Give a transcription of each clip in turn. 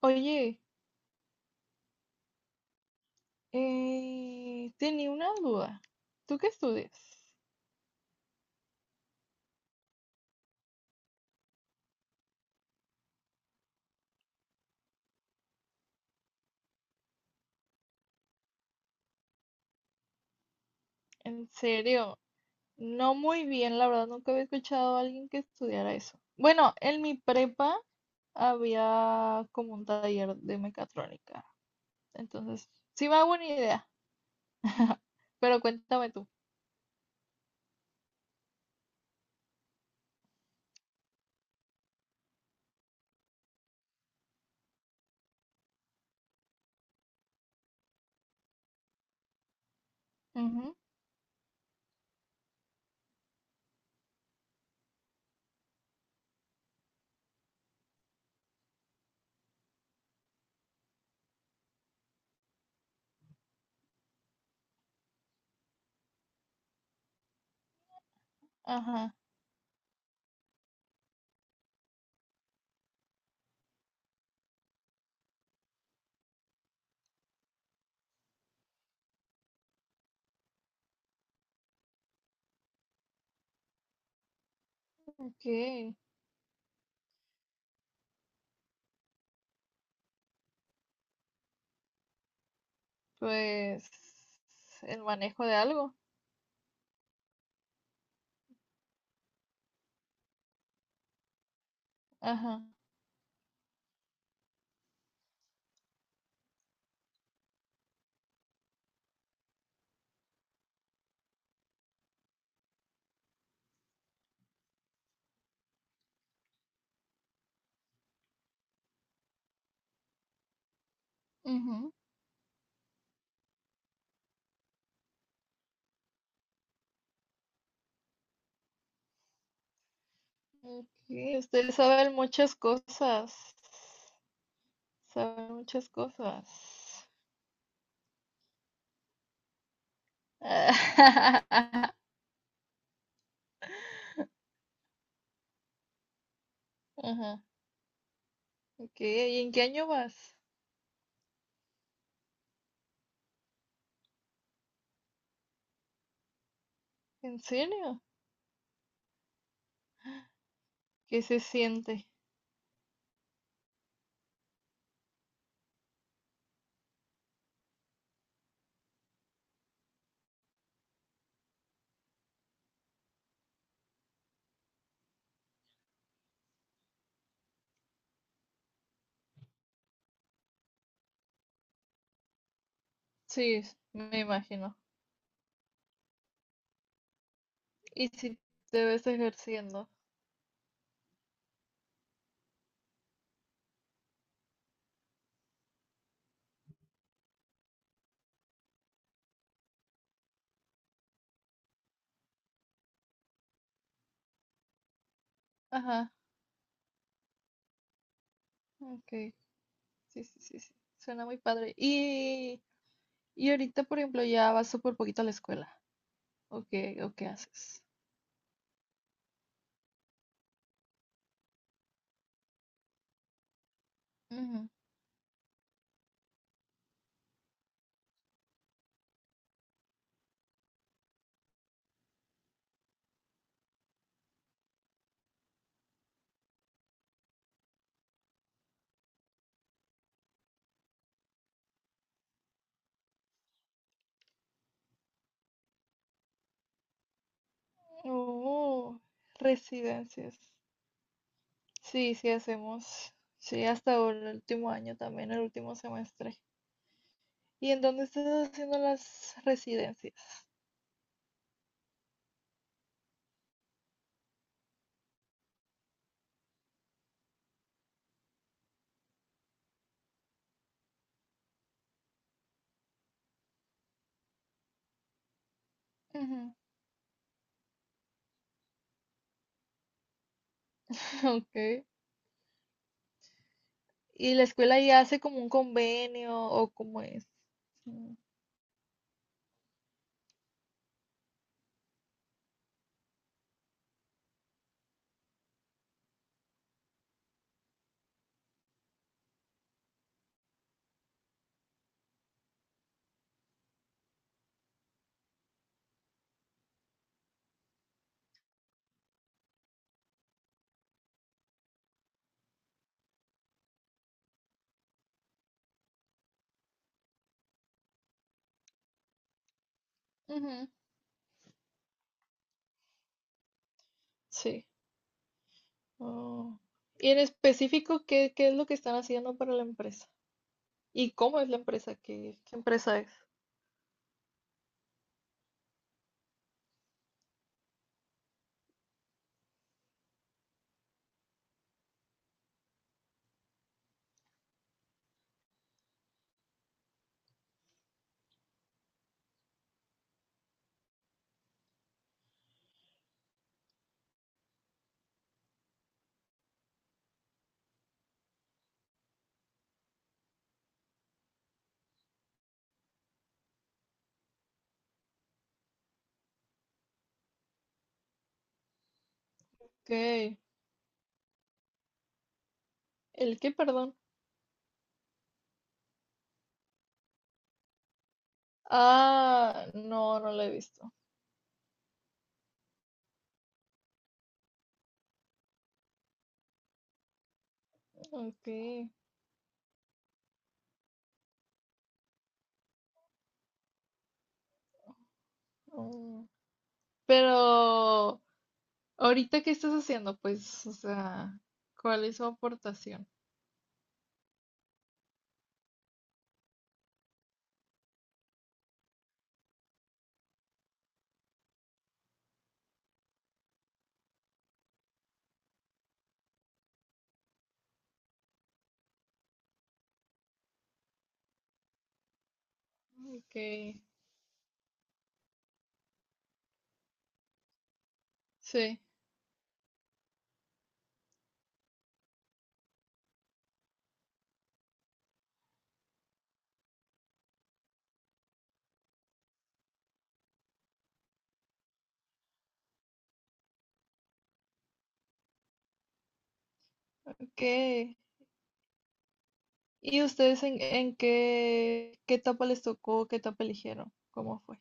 Oye, tenía una duda. ¿Tú qué estudias? En serio, no muy bien, la verdad, nunca había escuchado a alguien que estudiara eso. Bueno, en mi prepa había como un taller de mecatrónica, entonces sí me hago una idea, pero cuéntame tú. Ujú. Ajá. Ok, pues el manejo de algo. Ajá. Ujú. Ok. Ustedes saben muchas cosas. Sabe muchas cosas. Ajá. Ok, ¿y en qué año vas? ¿En serio? ¿Qué se siente? Sí, me imagino. ¿Y si te ves ejerciendo? Ajá, ok. Sí, sí, sí, sí. Suena muy padre. Y ahorita, por ejemplo, ya vas súper poquito a la escuela. O qué haces? Ujú. Oh, residencias. Sí, sí hacemos. Sí, hasta el último año también, el último semestre. ¿Y en dónde estás haciendo las residencias? Ujú. Ok. ¿Y la escuela ya hace como un convenio o cómo es? Mm, ujú. Sí. Oh. ¿Y en específico qué, qué es lo que están haciendo para la empresa? ¿Y cómo es la empresa? ¿Qué, qué empresa es? Ok. ¿El qué, perdón? Ah, no, no la he visto. Ok. Oh. Pero, ¿ahorita qué estás haciendo? Pues, o sea, ¿cuál es su aportación? Ok. Sí. ¿Qué? ¿Y ustedes en qué, qué etapa les tocó, qué etapa eligieron? ¿Cómo fue?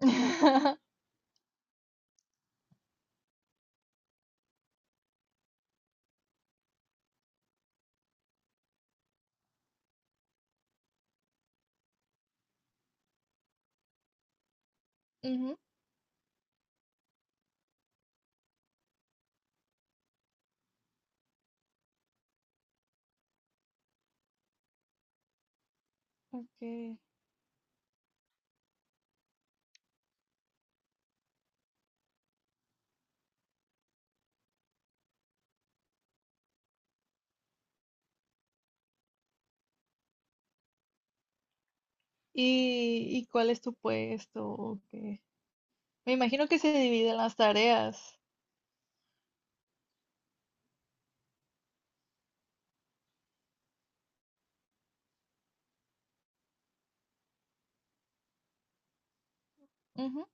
Ujú, ok. Y cuál es tu puesto? ¿O qué? Me imagino que se dividen las tareas. Ujú.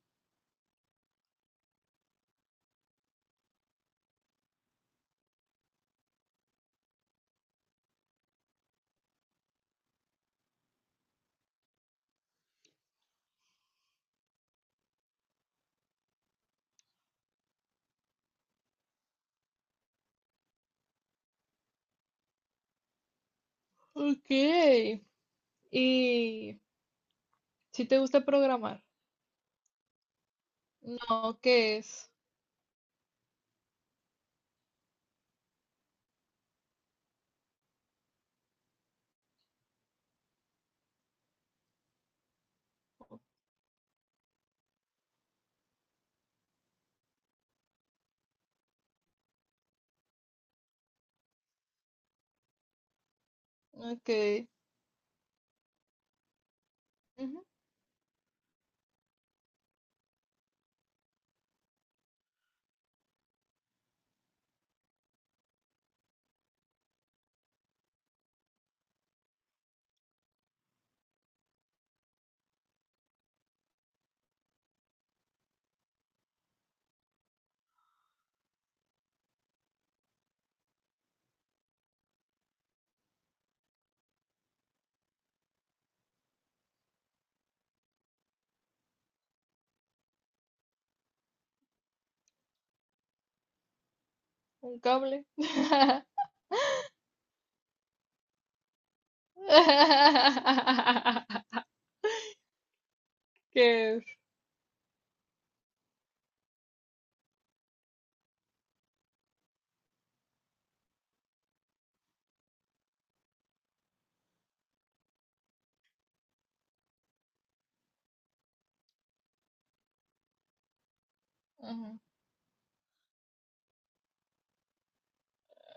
Ok. ¿Y si te gusta programar? No, ¿qué es? Ok. Ujú. Un cable. ¿Qué es? Ujú.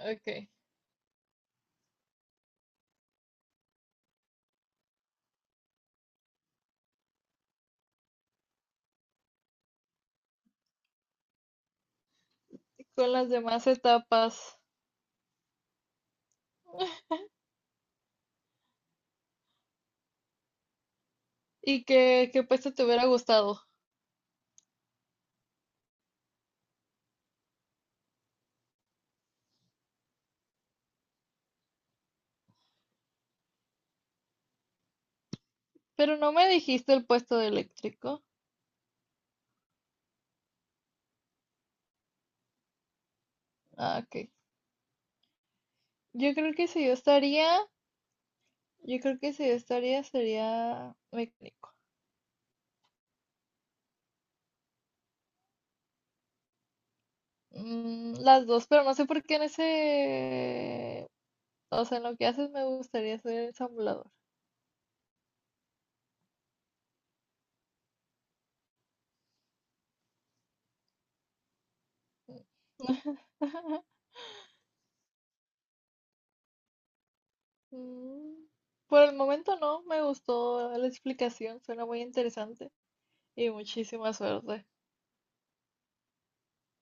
Ok. ¿Y con las demás etapas? Y que, qué puesto te hubiera gustado. Pero no me dijiste el puesto de eléctrico. Ah, ok. Yo creo que si yo estaría, yo creo que si yo estaría sería mecánico. Mm, las dos, pero no sé por qué en ese, o sea, en lo que haces me gustaría ser ensamblador. Mm, por el momento no, me gustó la explicación, suena muy interesante y muchísima suerte.